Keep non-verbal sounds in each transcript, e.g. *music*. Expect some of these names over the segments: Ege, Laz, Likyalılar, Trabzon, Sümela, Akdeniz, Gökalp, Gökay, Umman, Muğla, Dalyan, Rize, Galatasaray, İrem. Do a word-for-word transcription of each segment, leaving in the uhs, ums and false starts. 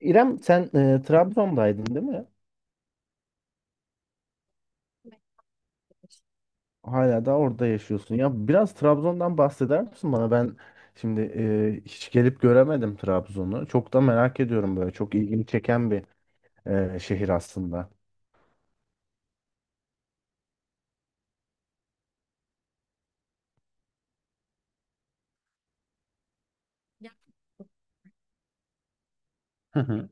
İrem sen e, Trabzon'daydın değil mi? Hala da orada yaşıyorsun. Ya biraz Trabzon'dan bahseder misin bana? Ben şimdi e, hiç gelip göremedim Trabzon'u. Çok da merak ediyorum böyle. Çok ilgimi çeken bir e, şehir aslında. Hı hı.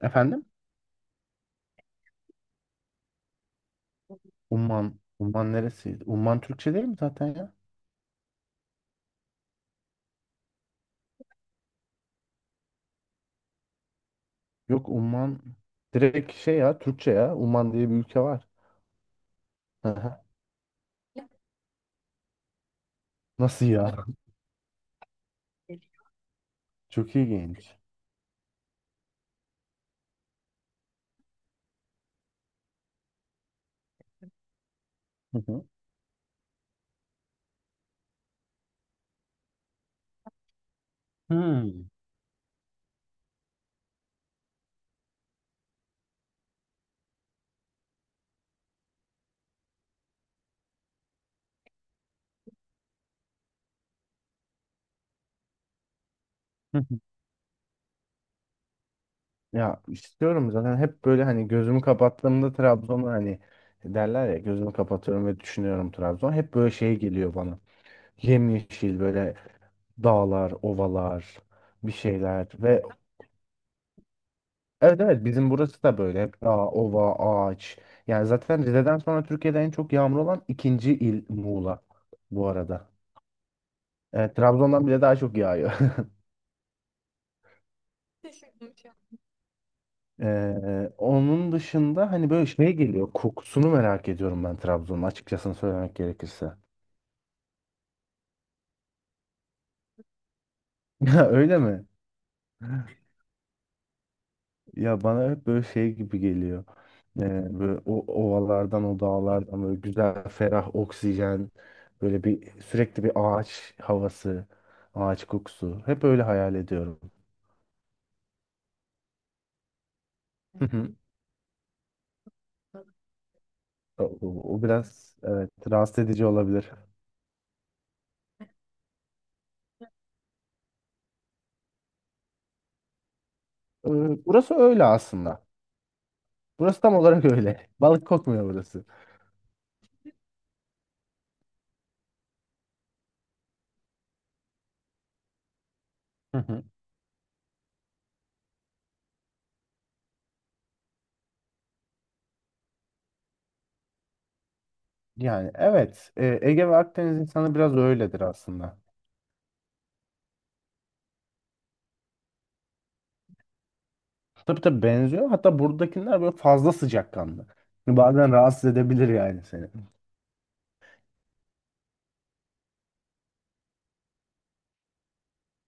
Efendim? Umman. Umman neresiydi? Umman Türkçe değil mi zaten ya? Yok Umman direkt şey ya Türkçe ya. Umman diye bir ülke var. Hı hı. Nasıl ya? Çok ilginç. Hı hı. Hmm. Ya istiyorum zaten hep böyle hani gözümü kapattığımda Trabzon'u hani derler ya gözümü kapatıyorum ve düşünüyorum Trabzon. Hep böyle şey geliyor bana. Yemyeşil böyle dağlar, ovalar, bir şeyler ve evet evet bizim burası da böyle hep dağ, ova, ağaç. Yani zaten Rize'den sonra Türkiye'de en çok yağmur olan ikinci il Muğla bu arada. Evet, Trabzon'dan bile daha çok yağıyor. *laughs* Ee, onun dışında hani böyle şey geliyor. Kokusunu merak ediyorum ben Trabzon'un açıkçası söylemek gerekirse. *laughs* Ya öyle mi? Ya bana hep böyle şey gibi geliyor. Ee, böyle o ovalardan, o dağlardan böyle güzel, ferah oksijen, böyle bir sürekli bir ağaç havası, ağaç kokusu. Hep öyle hayal ediyorum. Hı hı. O, o- o biraz evet rahatsız edici olabilir. Ee, burası öyle aslında. Burası tam olarak öyle. *laughs* Balık kokmuyor burası. Hı hı. Yani evet, e, Ege ve Akdeniz insanı biraz öyledir aslında. Tabii tabii benziyor. Hatta buradakiler böyle fazla sıcakkanlı. Bazen rahatsız edebilir yani seni.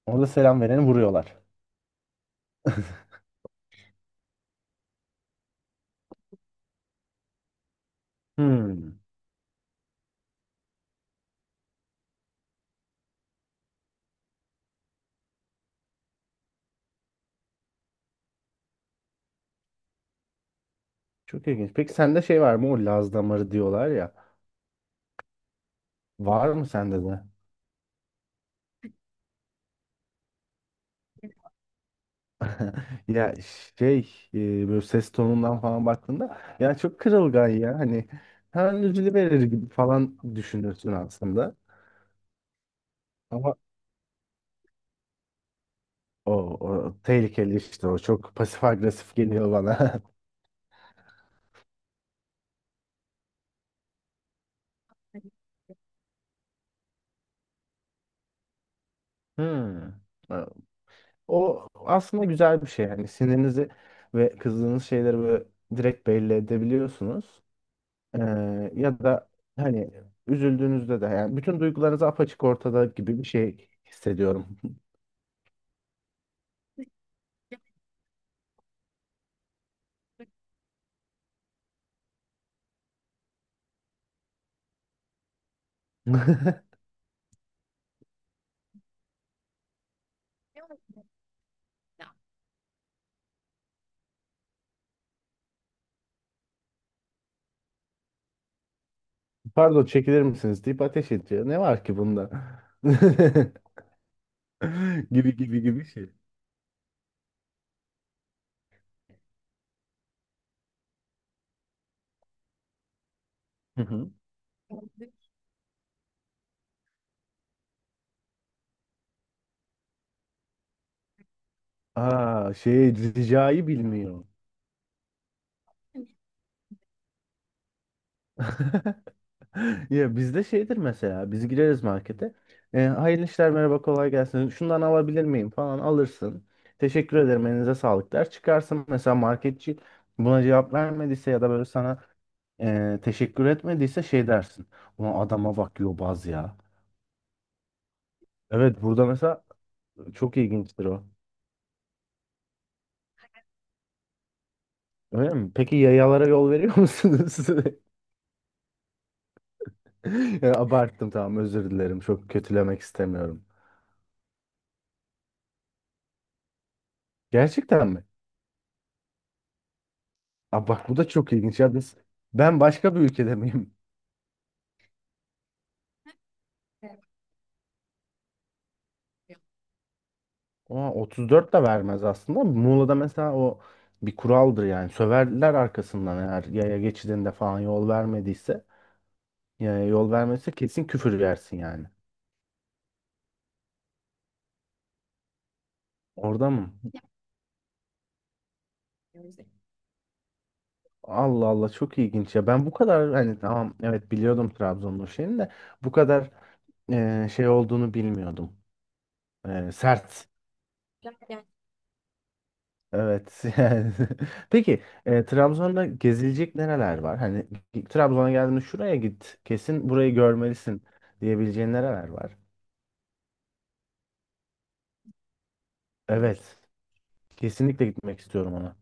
Orada selam vereni vuruyorlar. Hmm. Çok ilginç. Peki sende şey var mı? O Laz damarı diyorlar ya. Var mı sende de? *laughs* Ya şey e, böyle ses tonundan falan baktığında ya çok kırılgan ya hani hemen üzülüverir gibi falan düşünürsün aslında. Ama o, o tehlikeli işte o çok pasif agresif geliyor bana. *laughs* Hmm. O aslında güzel bir şey yani sinirinizi ve kızdığınız şeyleri böyle direkt belli edebiliyorsunuz. Ee, ya da hani üzüldüğünüzde de yani bütün duygularınız apaçık ortada gibi bir şey hissediyorum. *laughs* Pardon çekilir misiniz deyip ateş ediyor. Ne var ki bunda? *laughs* Gibi gibi gibi şey. Hı hı. Aa, şey ricayı bilmiyor. *laughs* Ya bizde şeydir mesela biz gireriz markete. E, hayırlı işler merhaba kolay gelsin. Şundan alabilir miyim falan alırsın. Teşekkür ederim elinize sağlık der. Çıkarsın mesela marketçi buna cevap vermediyse ya da böyle sana e, teşekkür etmediyse şey dersin. Ulan adama bak yobaz ya. Evet, burada mesela çok ilginçtir o. Öyle mi? Peki yayalara yol veriyor musunuz? *laughs* Ya abarttım tamam özür dilerim. Çok kötülemek istemiyorum. Gerçekten mi? Aa, bak bu da çok ilginç ya biz ben başka bir ülkede miyim? Aa, otuz dört de vermez aslında. Muğla'da mesela o bir kuraldır yani. Söverler arkasından eğer yaya geçidinde falan yol vermediyse. Yaya yol vermezse kesin küfür yersin yani. Orada mı? Allah Allah çok ilginç ya. Ben bu kadar hani tamam evet biliyordum Trabzon'un şeyini de bu kadar e, şey olduğunu bilmiyordum. E, sert. Evet. *laughs* Yani. Peki e, Trabzon'da gezilecek nereler var? Hani Trabzon'a geldiğinde şuraya git, kesin burayı görmelisin diyebileceğin nereler var? Evet. Kesinlikle gitmek istiyorum ona.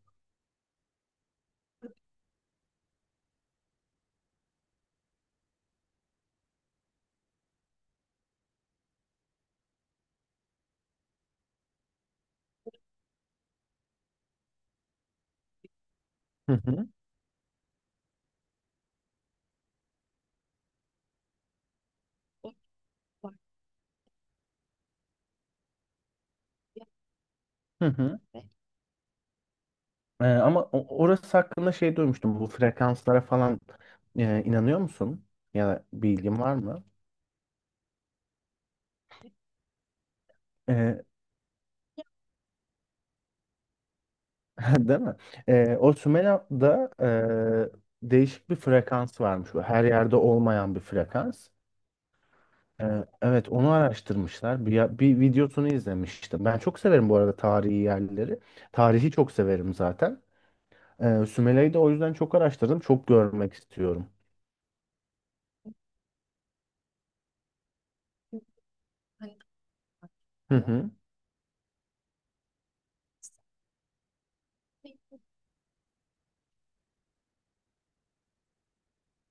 Hı hı. Hı hı. E, ama o- orası hakkında şey duymuştum. Bu frekanslara falan e, inanıyor musun? Ya da bilgin var mı? E, *laughs* değil mi? E, o Sümela'da e, değişik bir frekans varmış. Bu her yerde olmayan bir frekans. Ee, Evet, onu araştırmışlar. Bir, ya- bir videosunu izlemiştim. Ben çok severim bu arada tarihi yerleri. Tarihi çok severim zaten. Ee, Sümele'yi de o yüzden çok araştırdım. Çok görmek istiyorum. Hı hı.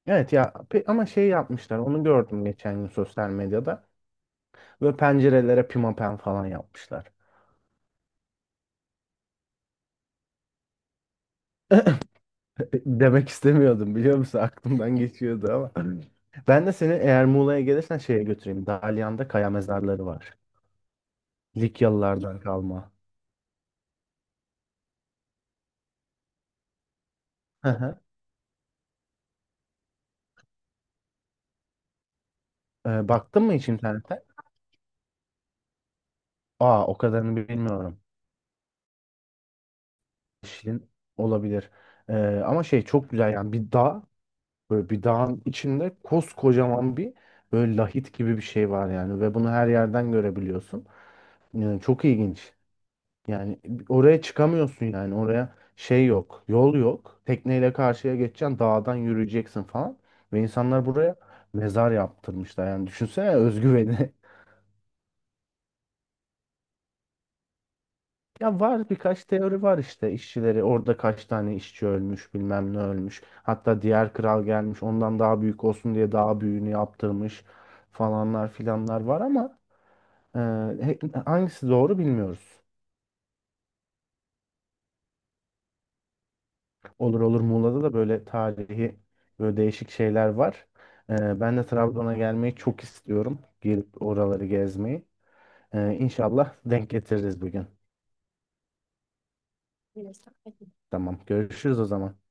Evet ya pe- ama şey yapmışlar. Onu gördüm geçen gün sosyal medyada. Böyle pencerelere pimapen falan yapmışlar. *laughs* Demek istemiyordum biliyor musun? Aklımdan geçiyordu ama. *laughs* Ben de seni eğer Muğla'ya gelirsen şeye götüreyim. Dalyan'da kaya mezarları var. Likyalılardan kalma. Hı hı. Ee, baktın mı hiç internete? Aa, o kadarını bilmiyorum. Şirin olabilir. Ee, ama şey çok güzel yani bir dağ böyle bir dağın içinde koskocaman bir böyle lahit gibi bir şey var yani ve bunu her yerden görebiliyorsun. Yani çok ilginç. Yani oraya çıkamıyorsun yani oraya şey yok, yol yok. Tekneyle karşıya geçeceksin, dağdan yürüyeceksin falan. Ve insanlar buraya mezar yaptırmışlar. Yani düşünsene özgüveni. *laughs* Ya var birkaç teori var işte işçileri orada kaç tane işçi ölmüş bilmem ne ölmüş. Hatta diğer kral gelmiş ondan daha büyük olsun diye daha büyüğünü yaptırmış falanlar filanlar var ama e, he- hangisi doğru bilmiyoruz. Olur olur Muğla'da da böyle tarihi böyle değişik şeyler var. E, ben de Trabzon'a gelmeyi çok istiyorum. Gelip oraları gezmeyi. E, İnşallah denk getiririz bir gün. Tamam görüşürüz o zaman.